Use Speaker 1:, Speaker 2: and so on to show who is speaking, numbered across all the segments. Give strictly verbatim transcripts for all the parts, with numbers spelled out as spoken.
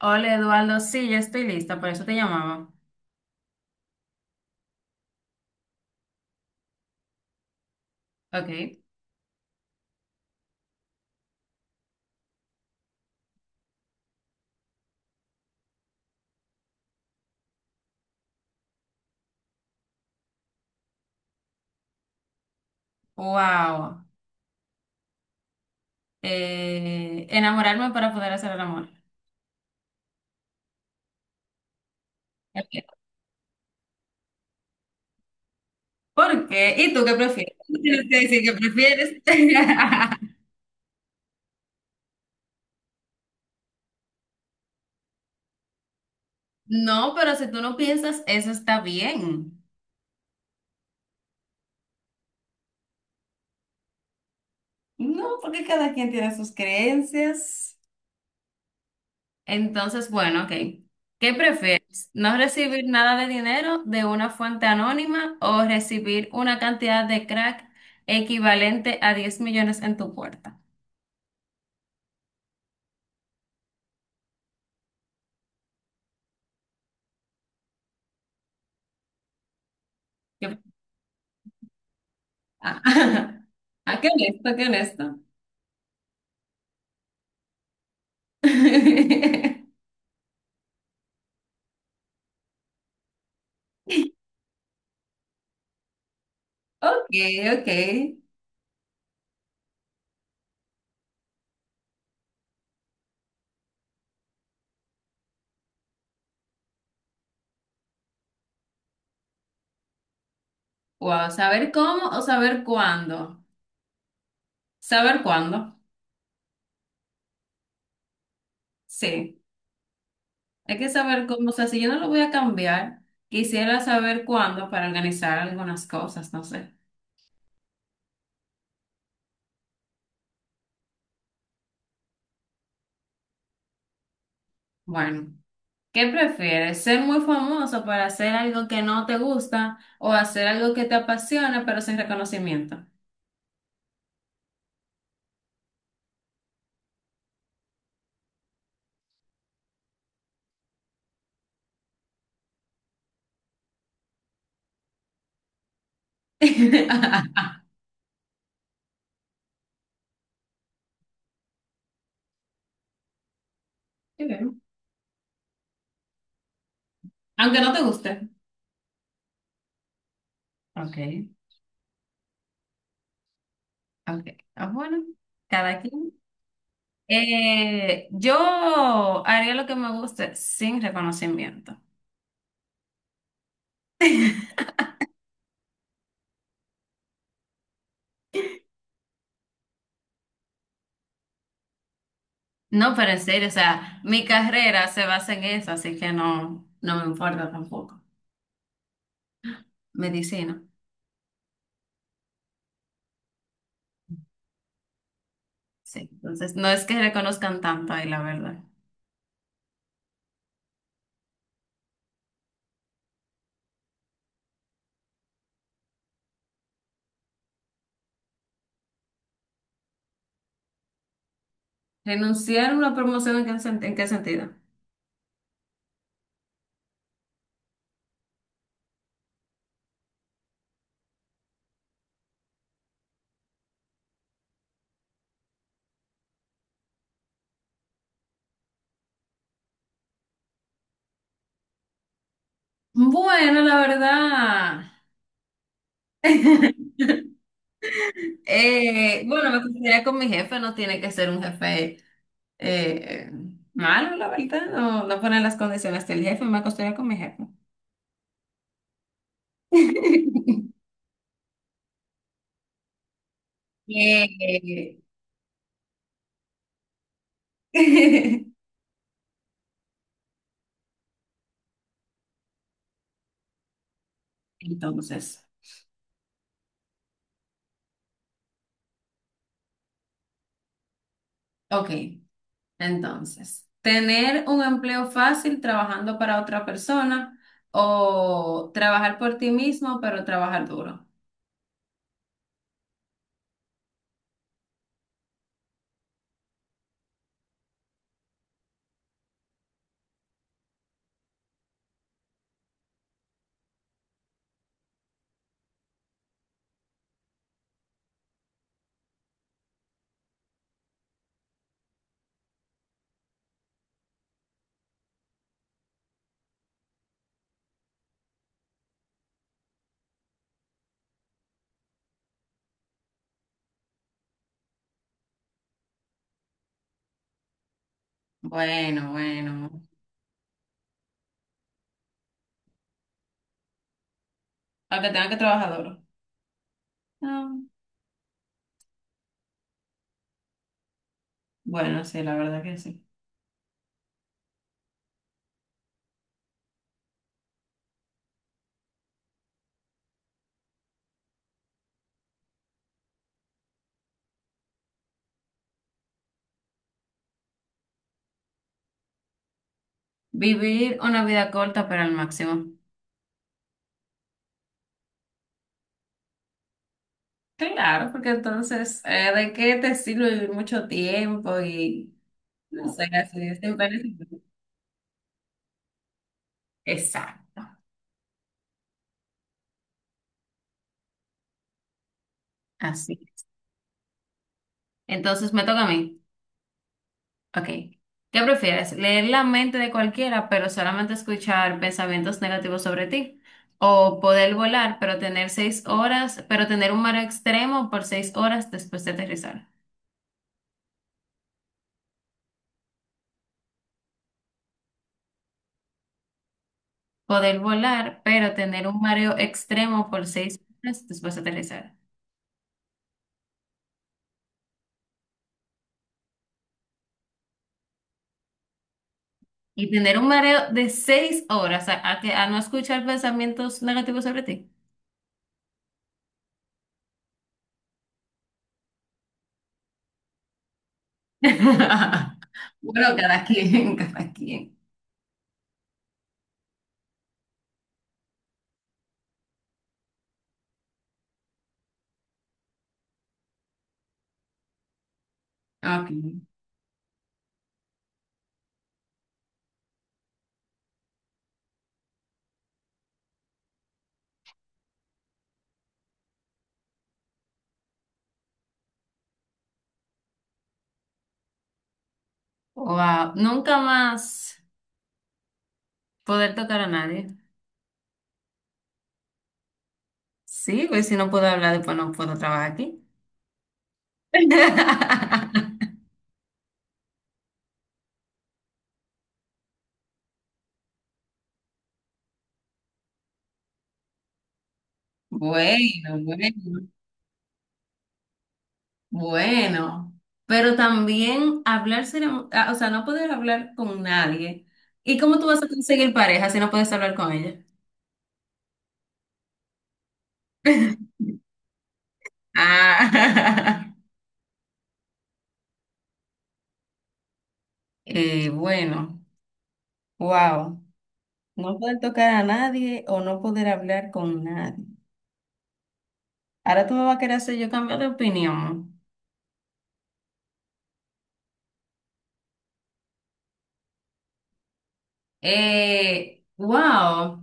Speaker 1: Hola Eduardo, sí, ya estoy lista, por eso te llamaba. Ok. Wow. Eh, enamorarme para poder hacer el amor. Ok. ¿Por qué? ¿Y tú qué prefieres? Tú tienes que decir qué prefieres. No, pero si tú no piensas, eso está bien. No, porque cada quien tiene sus creencias. Entonces, bueno, ok. ¿Qué prefieres? ¿No recibir nada de dinero de una fuente anónima o recibir una cantidad de crack equivalente a diez millones en tu puerta? ¿Qué- Ah, ah, qué honesto, qué honesto. Ok, ok. Wow, saber cómo o saber cuándo. Saber cuándo. Sí, hay que saber cómo. O sea, si yo no lo voy a cambiar, quisiera saber cuándo para organizar algunas cosas, no sé. Bueno, ¿qué prefieres? ¿Ser muy famoso para hacer algo que no te gusta o hacer algo que te apasiona pero sin reconocimiento? Qué bien. Aunque no te guste. Ok. Ok, ah, bueno, cada quien. Eh, yo haría lo que me guste sin reconocimiento. No, pero en serio, o sea, mi carrera se basa en eso, así que no, no me importa tampoco. Medicina, sí. Entonces, no es que reconozcan tanto ahí, la verdad. ¿Renunciar a una promoción en qué, sen- en qué sentido? Bueno, la verdad. Eh, bueno, me gustaría con mi jefe, no tiene que ser un jefe. Eh, Malo, la verdad, no, no ponen las condiciones del jefe, me acostumbré con mi jefe. Eh, Entonces, ok, entonces, tener un empleo fácil trabajando para otra persona o trabajar por ti mismo, pero trabajar duro. Bueno, bueno, aunque tenga que trabajar duro. Ah, bueno, sí, la verdad que sí. Vivir una vida corta, pero al máximo. Claro, porque entonces, eh, ¿de qué te sirve vivir mucho tiempo y no sé, así es imperecible? Exacto, así. Entonces me toca a mí. Ok. ¿Qué prefieres? ¿Leer la mente de cualquiera, pero solamente escuchar pensamientos negativos sobre ti? ¿O poder volar, pero tener seis horas, pero tener un mareo extremo por seis horas después de aterrizar? Poder volar, pero tener un mareo extremo por seis horas después de aterrizar. Y tener un mareo de seis horas a, a que, a no escuchar pensamientos negativos sobre ti. Bueno, cada quien, cada quien. Ok. Wow, nunca más poder tocar a nadie. Sí, pues si no puedo hablar, después no puedo trabajar aquí. Bueno, bueno, bueno. Pero también hablar será ah, o sea, no poder hablar con nadie. ¿Y cómo tú vas a conseguir pareja si no puedes hablar con ella? Ah. Eh, bueno, wow. No poder tocar a nadie o no poder hablar con nadie. Ahora tú me vas a querer hacer yo cambiar de opinión. Eh, wow.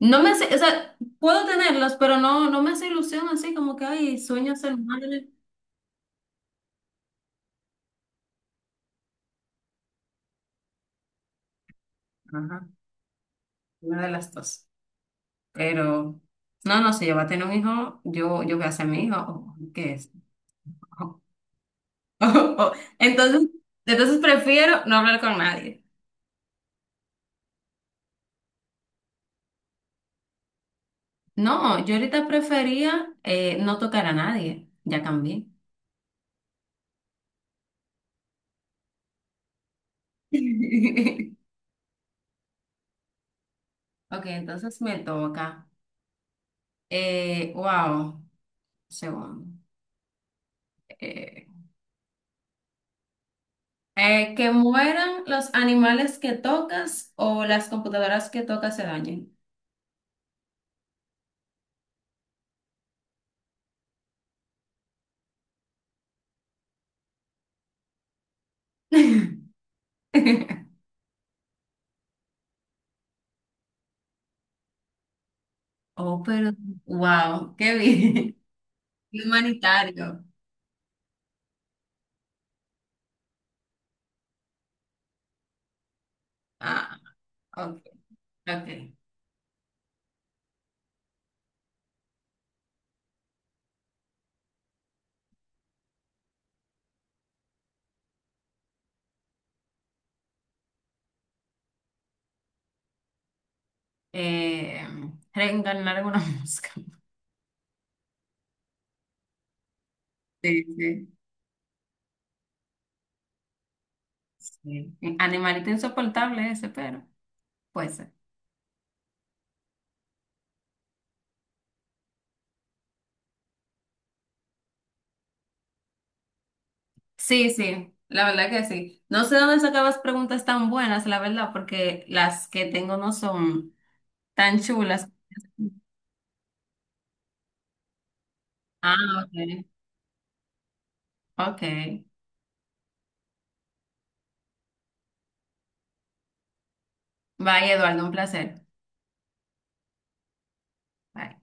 Speaker 1: No me hace, o sea, puedo tenerlos, pero no, no me hace ilusión así como que, ay, sueño ser madre. Ajá, una de las dos. Pero, no, no, si yo voy a tener un hijo, yo, yo voy a ser mi hijo. O- o ¿qué es? Entonces, entonces prefiero no hablar con nadie. No, yo ahorita prefería eh, no tocar a nadie. Ya cambié. Ok, entonces me toca. Eh, wow, segundo. Eh, eh, que mueran los animales que tocas o las computadoras que tocas se dañen. Oh, pero wow, qué bien. Qué humanitario. Ah, ok, ok. Eh, Reencarnar en una mosca. Sí, sí. Sí. Animalito insoportable ese, pero puede ser. Sí, sí, la verdad que sí. No sé dónde sacabas preguntas tan buenas, la verdad, porque las que tengo no son tan chulas. Ah, ok. Ok. Bye, Eduardo, un placer. Bye.